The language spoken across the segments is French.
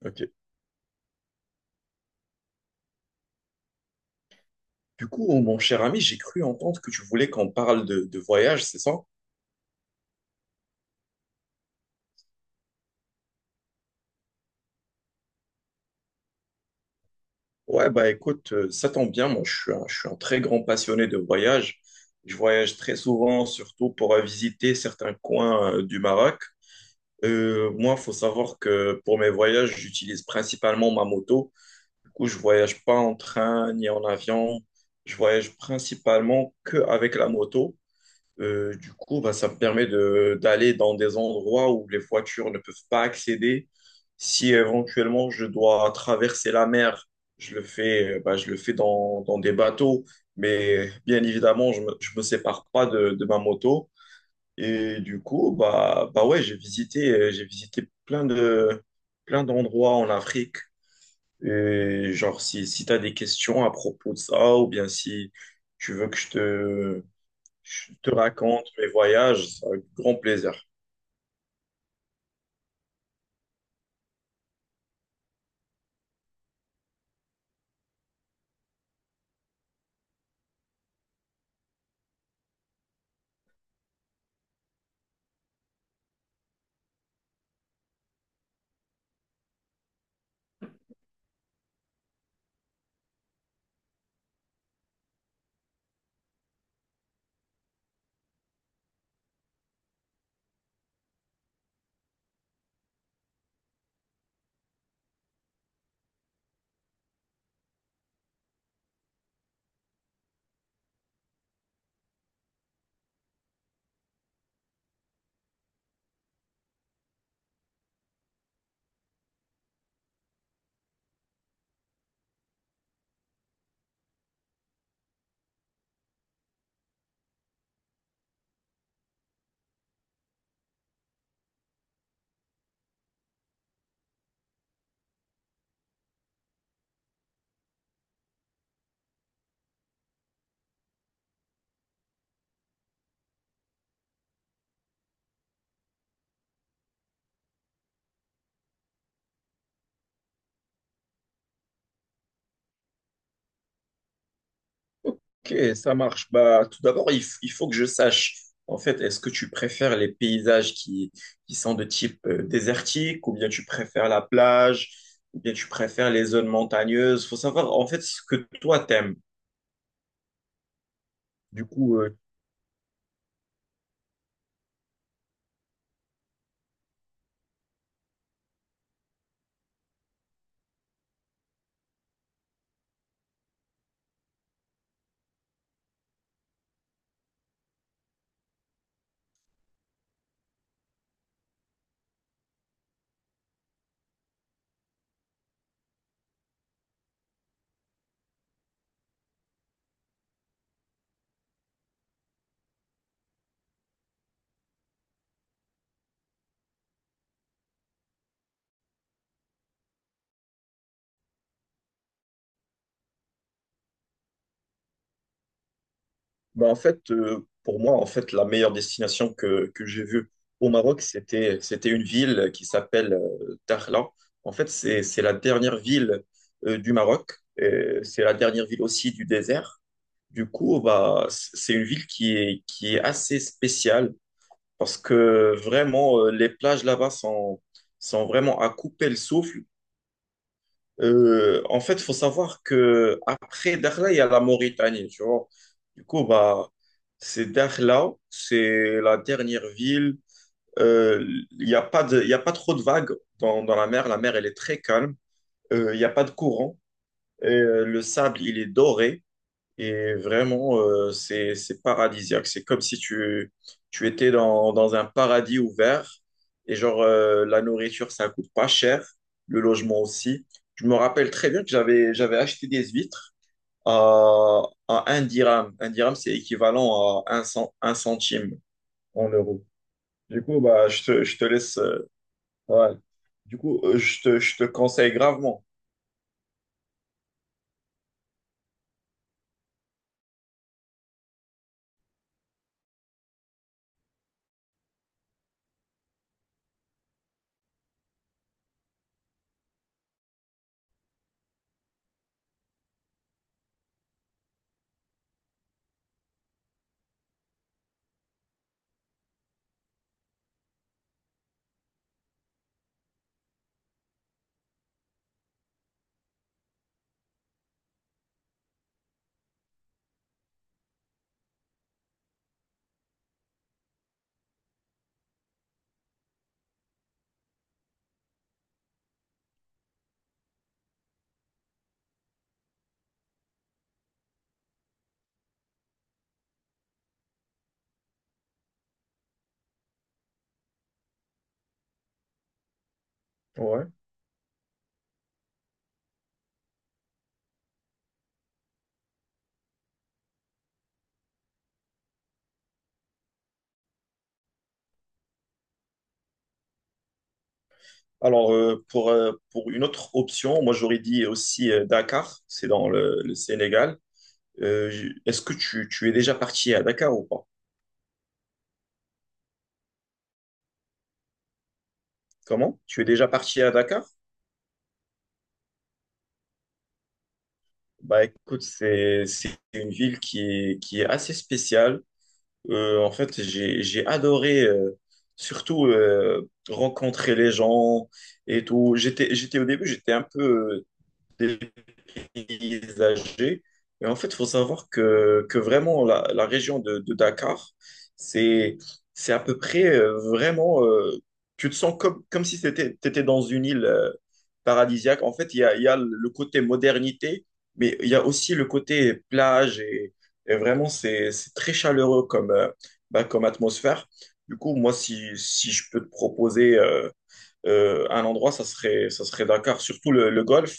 Ok. Du coup, oh, mon cher ami, j'ai cru entendre que tu voulais qu'on parle de voyage, c'est ça? Ouais, bah écoute, ça tombe bien, moi je suis un très grand passionné de voyage. Je voyage très souvent, surtout pour visiter certains coins du Maroc. Moi, il faut savoir que pour mes voyages, j'utilise principalement ma moto. Du coup, je voyage pas en train ni en avion. Je voyage principalement que avec la moto. Du coup, bah, ça me permet de d'aller dans des endroits où les voitures ne peuvent pas accéder. Si éventuellement je dois traverser la mer, je le fais dans des bateaux, mais bien évidemment, je me sépare pas de ma moto. Et du coup, bah ouais, j'ai visité plein d'endroits en Afrique. Et genre, si tu as des questions à propos de ça, ou bien si tu veux que je te raconte mes voyages avec grand plaisir. Ok, ça marche. Bah, tout d'abord, il faut que je sache, en fait, est-ce que tu préfères les paysages qui sont de type désertique, ou bien tu préfères la plage, ou bien tu préfères les zones montagneuses? Faut savoir, en fait, ce que toi t'aimes. Du coup. Bah, en fait, pour moi, en fait, la meilleure destination que j'ai vue au Maroc, c'était une ville qui s'appelle Dakhla. En fait, c'est la dernière ville du Maroc. Et c'est la dernière ville aussi du désert. Du coup, bah, c'est une ville qui est, assez spéciale parce que vraiment, les plages là-bas sont vraiment à couper le souffle. En fait, il faut savoir que après Dakhla, il y a la Mauritanie, tu vois. Du coup, bah, c'est Dakhla, c'est la dernière ville. Euh, il y a pas trop de vagues dans la mer. La mer, elle est très calme. Il n'y a pas de courant. Et, le sable, il est doré. Et vraiment, c'est paradisiaque. C'est comme si tu étais dans un paradis ouvert. Et genre, la nourriture, ça coûte pas cher. Le logement aussi. Je me rappelle très bien que j'avais acheté des huîtres à, à un dirham. Un dirham, c'est équivalent à un cent un centime en euros. Du coup, bah, je te laisse. Ouais. Du coup, je te conseille gravement. Ouais. Alors, pour une autre option, moi j'aurais dit aussi Dakar, c'est dans le Sénégal. Est-ce que tu es déjà parti à Dakar ou pas? Comment? Tu es déjà parti à Dakar? Bah écoute, c'est une ville qui est assez spéciale. En fait, j'ai adoré surtout rencontrer les gens et tout. J'étais au début, j'étais un peu euh, paysagers. Et en fait, il faut savoir que vraiment, la région de Dakar, c'est, c'est à peu près vraiment, tu te sens comme si t'étais dans une île paradisiaque. En fait, il y a le côté modernité, mais il y a aussi le côté plage et vraiment, c'est très chaleureux comme atmosphère. Du coup, moi, si je peux te proposer un endroit, ça serait Dakar, surtout le golf.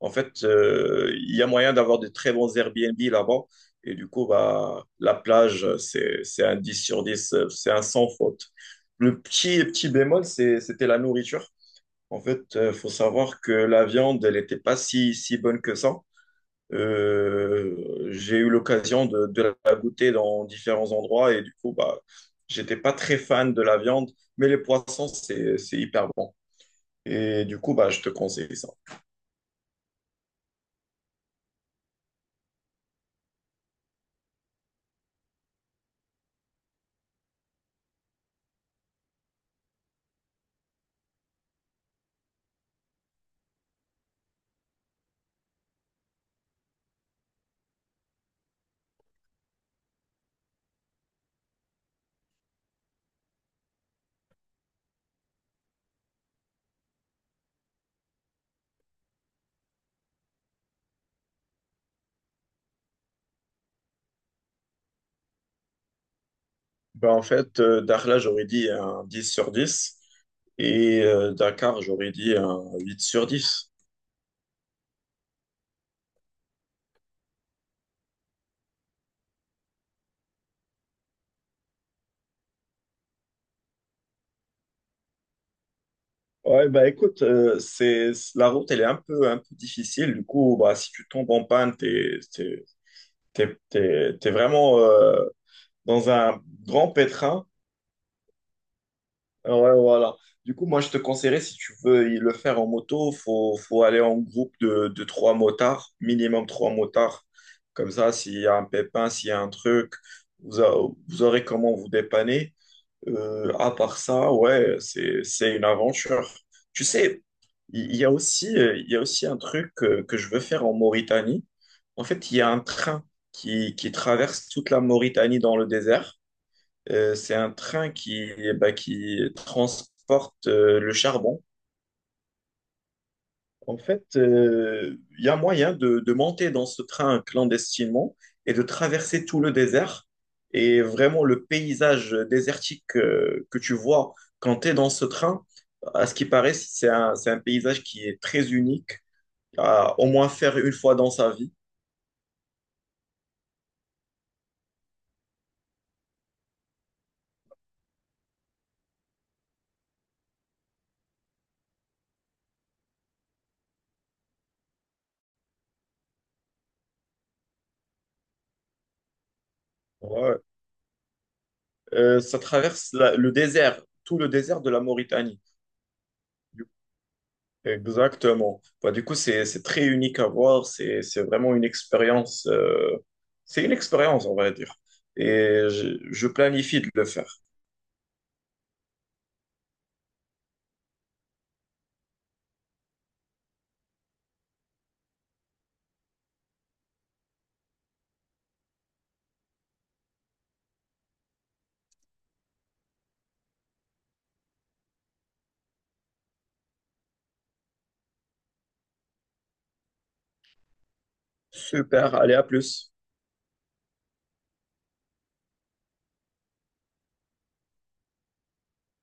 En fait, il y a moyen d'avoir de très bons Airbnb là-bas. Et du coup, bah, la plage, c'est un 10/10, c'est un sans faute. Le petit bémol, c'était la nourriture. En fait, il faut savoir que la viande, elle n'était pas si bonne que ça. J'ai eu l'occasion de la goûter dans différents endroits et du coup, bah, j'étais pas très fan de la viande, mais les poissons, c'est hyper bon. Et du coup, bah, je te conseille ça. Bah, en fait, Dakhla, j'aurais dit un 10/10, et Dakar, j'aurais dit un 8/10. Ouais, bah écoute, la route, elle est un peu difficile. Du coup, bah, si tu tombes en panne, t'es vraiment dans un grand pétrin. Ouais, voilà. Du coup, moi, je te conseillerais, si tu veux y le faire en moto, faut aller en groupe de trois motards, minimum trois motards. Comme ça, s'il y a un pépin, s'il y a un truc, vous, a- vous aurez comment vous dépanner. À part ça, ouais, c'est une aventure. Tu sais, il y a aussi, il y a aussi un truc que je veux faire en Mauritanie. En fait, il y a un train qui traverse toute la Mauritanie dans le désert. C'est un train qui transporte le charbon. En fait, il y a moyen de monter dans ce train clandestinement et de traverser tout le désert. Et vraiment, le paysage désertique que tu vois quand tu es dans ce train, à ce qui paraît, c'est un paysage qui est très unique à au moins faire une fois dans sa vie. Ouais. Ça traverse le désert, tout le désert de la Mauritanie. Exactement. Bah, du coup, c'est très unique à voir. C'est vraiment une expérience. C'est une expérience, on va dire. Et je planifie de le faire. Super. Allez, à plus.